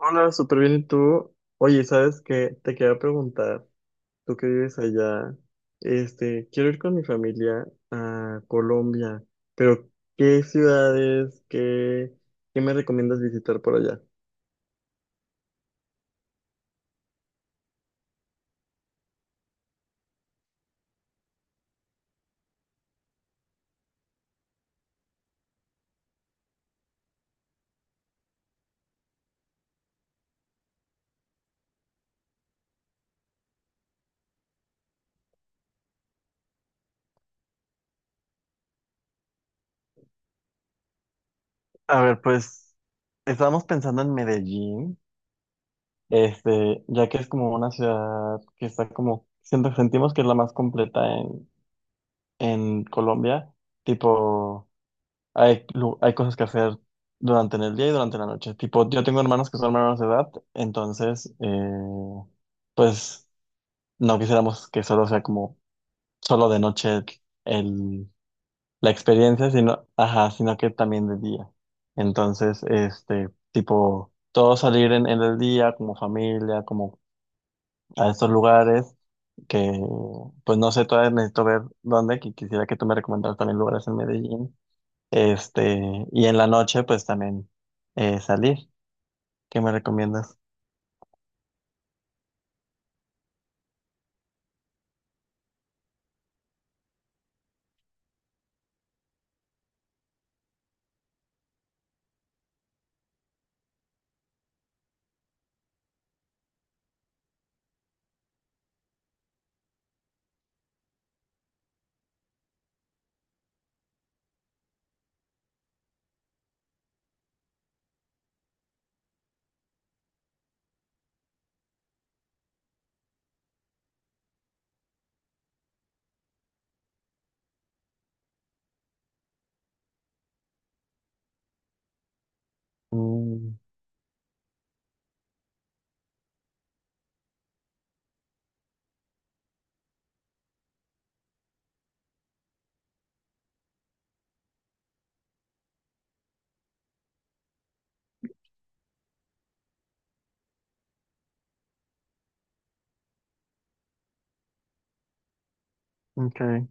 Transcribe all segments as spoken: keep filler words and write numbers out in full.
Hola, súper bien. ¿Y tú? Oye, ¿sabes qué? Te quería preguntar, tú que vives allá, este, quiero ir con mi familia a Colombia, pero ¿qué ciudades, qué, qué me recomiendas visitar por allá? A ver, pues estábamos pensando en Medellín, este, ya que es como una ciudad que está como, siento, sentimos que es la más completa en, en Colombia, tipo, Hay, lu- hay cosas que hacer durante el día y durante la noche. Tipo, yo tengo hermanos que son menores de edad, entonces, eh, pues no quisiéramos que solo sea como solo de noche el, la experiencia, sino, ajá, sino que también de día. Entonces, este, tipo, todos salir en, en el día como familia, como a estos lugares que, pues no sé, todavía necesito ver dónde, que quisiera que tú me recomendaras también lugares en Medellín, este, y en la noche, pues también eh, salir. ¿Qué me recomiendas? Mm, ok,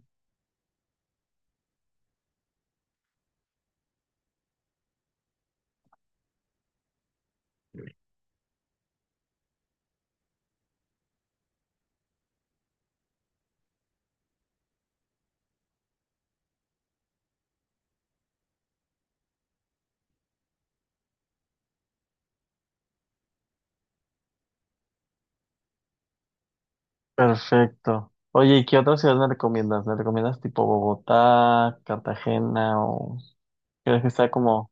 perfecto. Oye, ¿y qué otra ciudad me recomiendas? ¿Me recomiendas tipo Bogotá, Cartagena o crees que está como...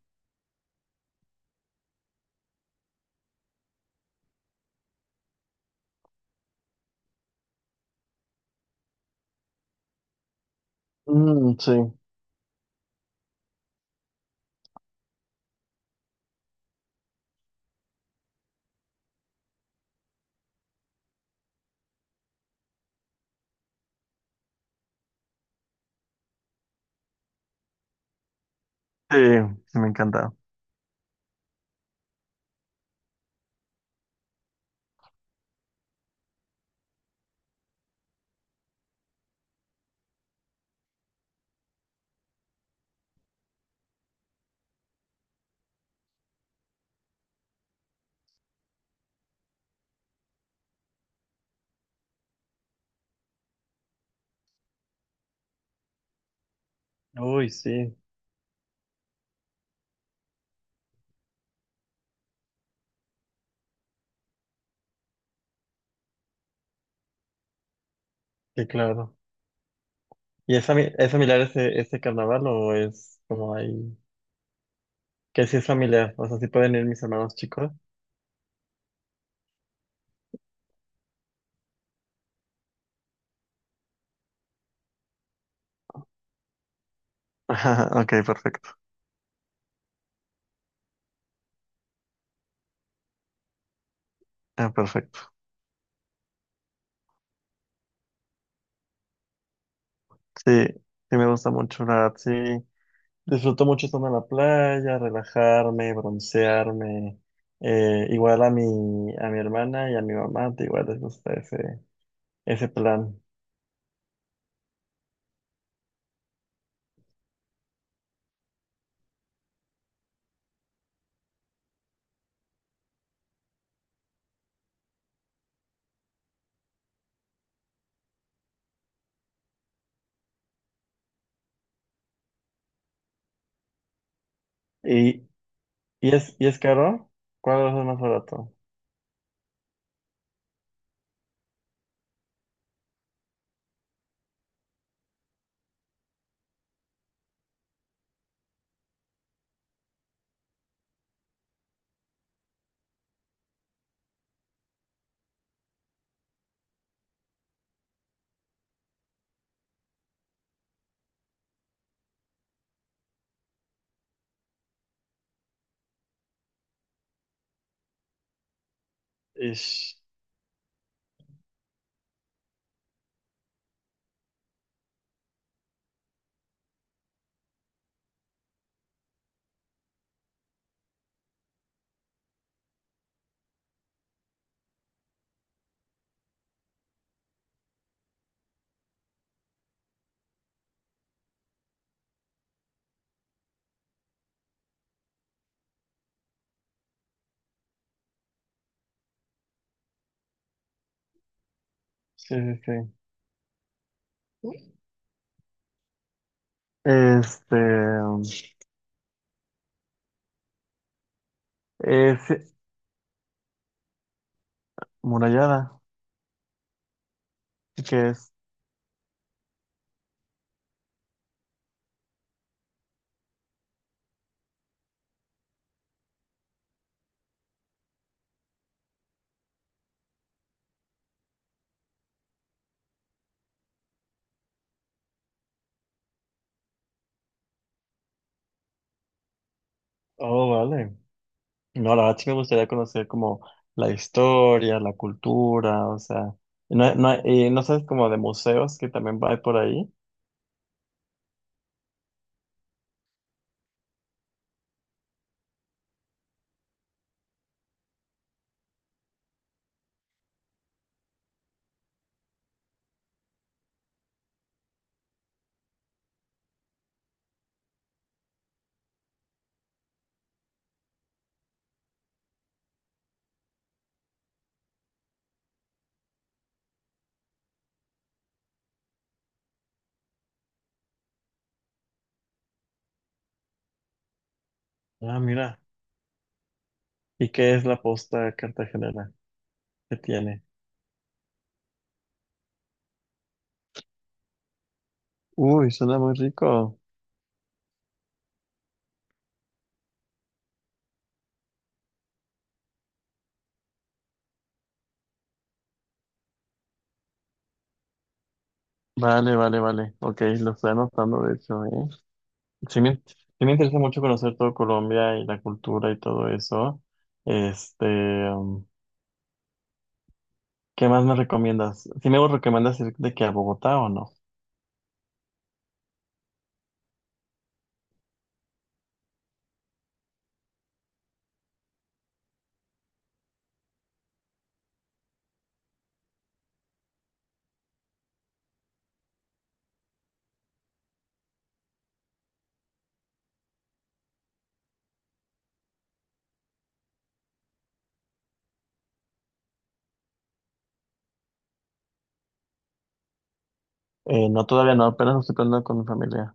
Mm, sí, sí, sí, me encanta. Uy, sí, sí, claro. ¿Y es, fami- es familiar ese, ese carnaval o es como ahí? Que sí es familiar, o sea, sí pueden ir mis hermanos chicos. Ajá, ok, perfecto. Ah, perfecto. Sí, sí me gusta mucho, la verdad, sí. Disfruto mucho estar en la playa, relajarme, broncearme. Eh, igual a mi, a mi hermana y a mi mamá, te igual les gusta ese, ese plan. ¿Y, y es, ¿y es caro? ¿Cuál es el más barato? Ish. Sí, sí, sí. Este, es murallada, que es... Oh, vale. No, la verdad sí me gustaría conocer como la historia, la cultura, o sea, no, hay- no, hay- y no sabes como de museos que también va por ahí. Ah, mira. ¿Y qué es la posta cartagenera? ¿Qué tiene? Uy, suena muy rico. Vale, vale, vale. Ok, lo estoy anotando, de hecho, ¿eh? Sí me, sí me interesa mucho conocer todo Colombia y la cultura y todo eso. Este, um, ¿qué más me recomiendas? ¿Sí me recomiendas ir de que a Bogotá o no? Eh, no, todavía no, apenas lo estoy planeando con mi familia.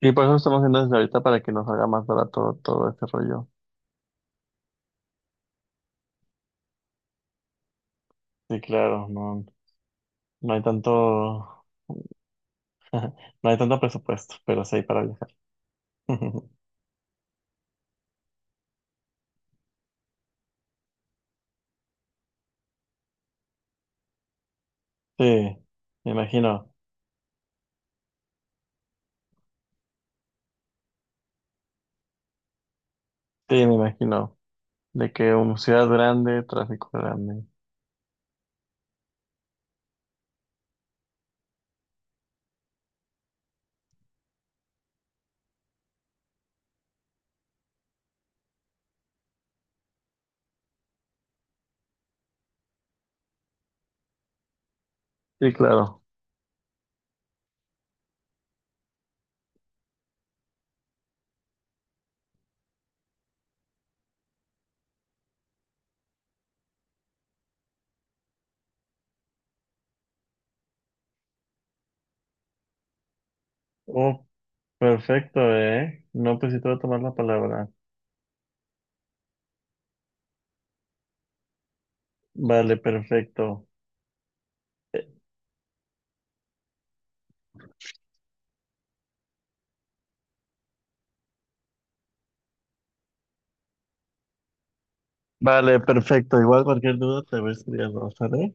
Y por eso estamos haciendo desde ahorita para que nos haga más barato todo este rollo. Sí, claro, no, no hay tanto, no hay tanto presupuesto, pero sí hay para viajar. Sí, me imagino. Sí, me imagino. De que una ciudad grande, tráfico grande. Sí, claro. Oh, perfecto, ¿eh? No, pues sí te voy a tomar la palabra. Vale, perfecto. Vale, perfecto. Igual cualquier duda te voy a escribir, ¿sale?